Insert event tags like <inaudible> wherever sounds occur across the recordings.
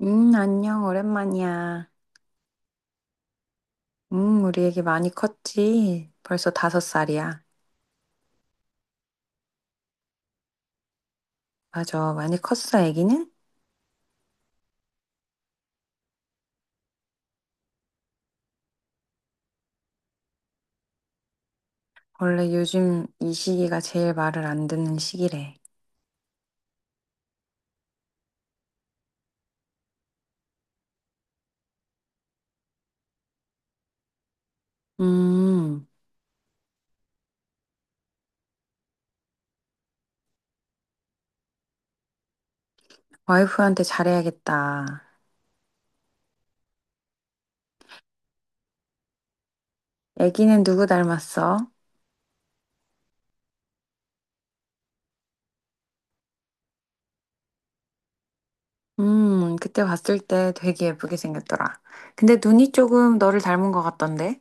안녕, 오랜만이야. 우리 애기 많이 컸지? 벌써 다섯 살이야. 맞아, 많이 컸어, 애기는? 원래 요즘 이 시기가 제일 말을 안 듣는 시기래. 음, 와이프한테 잘해야겠다. 애기는 누구 닮았어? 그때 봤을 때 되게 예쁘게 생겼더라. 근데 눈이 조금 너를 닮은 것 같던데?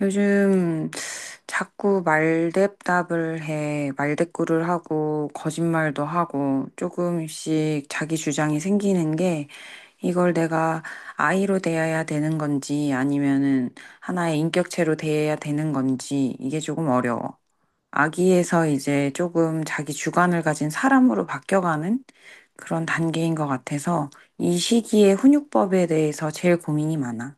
요즘 자꾸 말대답을 해, 말대꾸를 하고, 거짓말도 하고, 조금씩 자기 주장이 생기는 게, 이걸 내가 아이로 대해야 되는 건지, 아니면은 하나의 인격체로 대해야 되는 건지, 이게 조금 어려워. 아기에서 이제 조금 자기 주관을 가진 사람으로 바뀌어가는 그런 단계인 것 같아서, 이 시기에 훈육법에 대해서 제일 고민이 많아.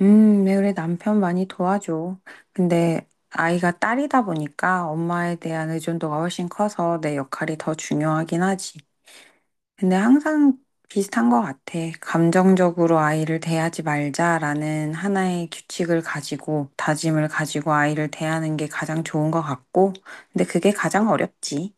네, 그래, 남편 많이 도와줘. 근데 아이가 딸이다 보니까 엄마에 대한 의존도가 훨씬 커서 내 역할이 더 중요하긴 하지. 근데 항상 비슷한 것 같아. 감정적으로 아이를 대하지 말자라는 하나의 규칙을 가지고, 다짐을 가지고 아이를 대하는 게 가장 좋은 것 같고, 근데 그게 가장 어렵지.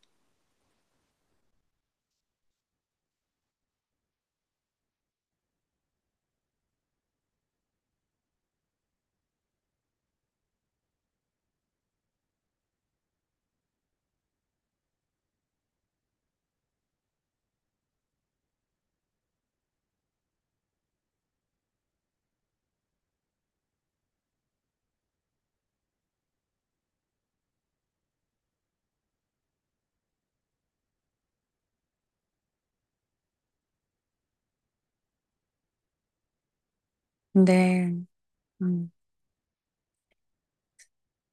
근데, 음,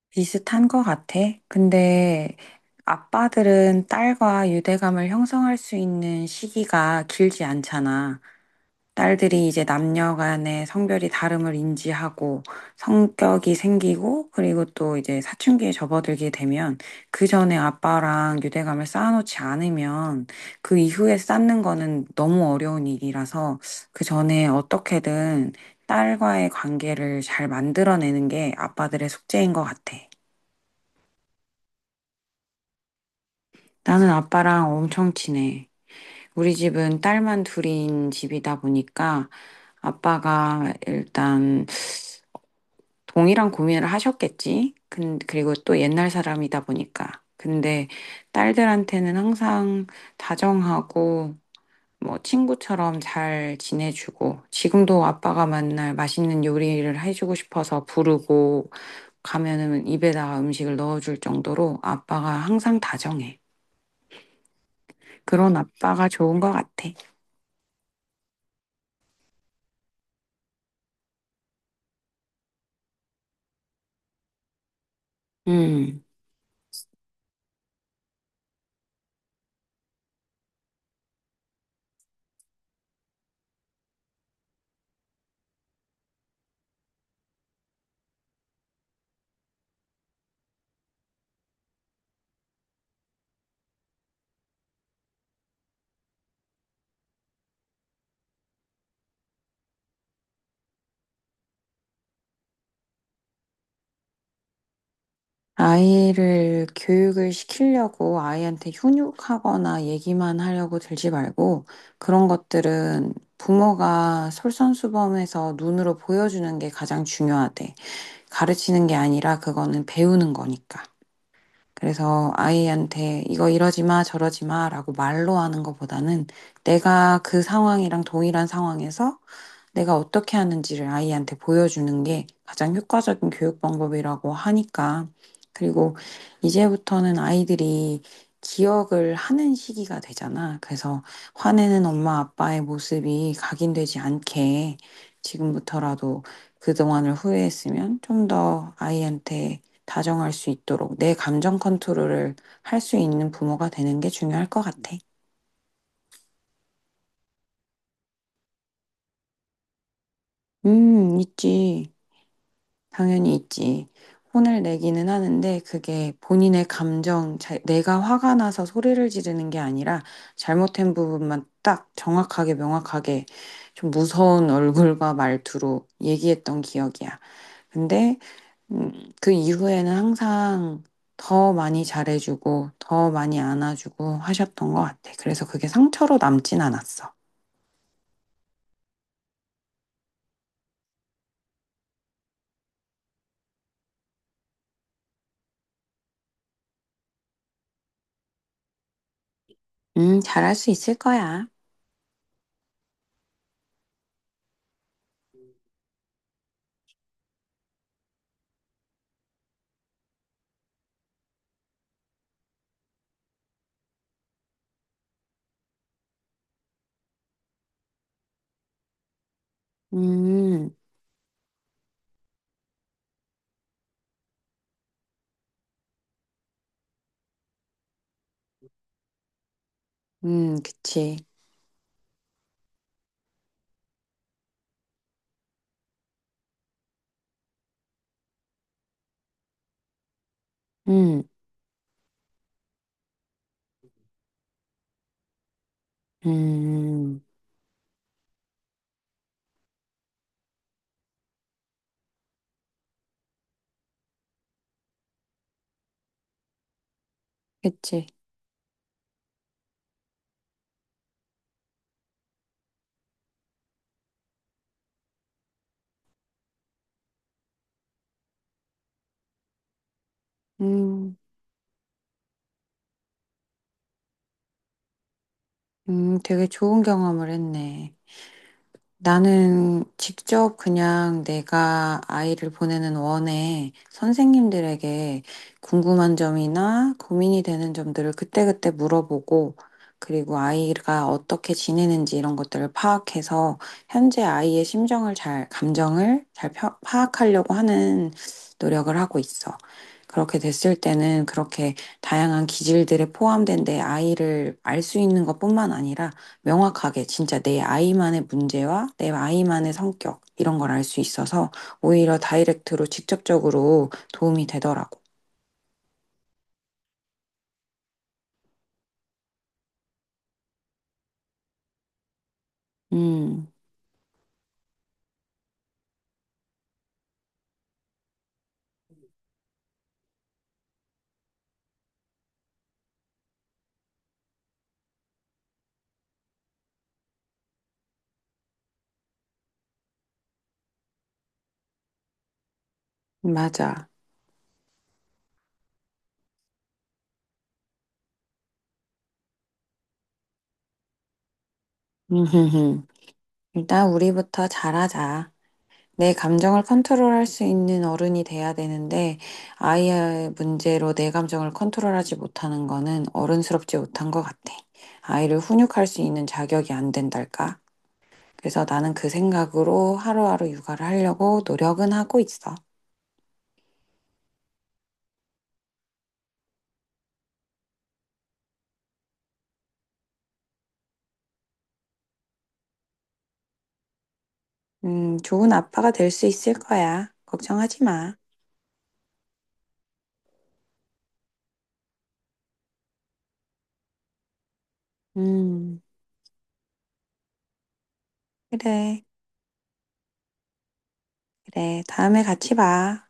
비슷한 것 같아. 근데 아빠들은 딸과 유대감을 형성할 수 있는 시기가 길지 않잖아. 딸들이 이제 남녀 간의 성별이 다름을 인지하고 성격이 생기고 그리고 또 이제 사춘기에 접어들게 되면 그 전에 아빠랑 유대감을 쌓아놓지 않으면 그 이후에 쌓는 거는 너무 어려운 일이라서 그 전에 어떻게든 딸과의 관계를 잘 만들어내는 게 아빠들의 숙제인 것 같아. 나는 아빠랑 엄청 친해. 우리 집은 딸만 둘인 집이다 보니까 아빠가 일단 동일한 고민을 하셨겠지. 근 그리고 또 옛날 사람이다 보니까. 근데 딸들한테는 항상 다정하고 뭐 친구처럼 잘 지내주고 지금도 아빠가 만날 맛있는 요리를 해주고 싶어서 부르고 가면은 입에다가 음식을 넣어줄 정도로 아빠가 항상 다정해. 그런 아빠가 좋은 것 같아. 음, 아이를 교육을 시키려고 아이한테 훈육하거나 얘기만 하려고 들지 말고 그런 것들은 부모가 솔선수범해서 눈으로 보여주는 게 가장 중요하대. 가르치는 게 아니라 그거는 배우는 거니까. 그래서 아이한테 이거 이러지 마, 저러지 마 라고 말로 하는 것보다는 내가 그 상황이랑 동일한 상황에서 내가 어떻게 하는지를 아이한테 보여주는 게 가장 효과적인 교육 방법이라고 하니까. 그리고 이제부터는 아이들이 기억을 하는 시기가 되잖아. 그래서 화내는 엄마 아빠의 모습이 각인되지 않게 지금부터라도 그동안을 후회했으면 좀 더 아이한테 다정할 수 있도록 내 감정 컨트롤을 할 수 있는 부모가 되는 게 중요할 것 같아. 있지. 당연히 있지. 혼을 내기는 하는데 그게 본인의 감정, 내가 화가 나서 소리를 지르는 게 아니라 잘못된 부분만 딱 정확하게 명확하게 좀 무서운 <laughs> 얼굴과 말투로 얘기했던 기억이야. 근데 그 이후에는 항상 더 많이 잘해주고 더 많이 안아주고 하셨던 것 같아. 그래서 그게 상처로 남진 않았어. 잘할 수 있을 거야. 음, 그치. 음, 음, 그치. 음, 되게 좋은 경험을 했네. 나는 직접 그냥 내가 아이를 보내는 원에 선생님들에게 궁금한 점이나 고민이 되는 점들을 그때그때 물어보고, 그리고 아이가 어떻게 지내는지 이런 것들을 파악해서 현재 아이의 심정을 잘, 감정을 잘 파악하려고 하는 노력을 하고 있어. 그렇게 됐을 때는 그렇게 다양한 기질들에 포함된 내 아이를 알 수 있는 것뿐만 아니라 명확하게 진짜 내 아이만의 문제와 내 아이만의 성격 이런 걸 알 수 있어서 오히려 다이렉트로 직접적으로 도움이 되더라고. 음, 맞아. 음흠흠. 일단 우리부터 잘하자. 내 감정을 컨트롤할 수 있는 어른이 돼야 되는데 아이의 문제로 내 감정을 컨트롤하지 못하는 거는 어른스럽지 못한 것 같아. 아이를 훈육할 수 있는 자격이 안 된달까? 그래서 나는 그 생각으로 하루하루 육아를 하려고 노력은 하고 있어. 좋은 아빠가 될 수 있을 거야. 걱정하지 마. 음, 그래, 그래. 다음에 같이 봐.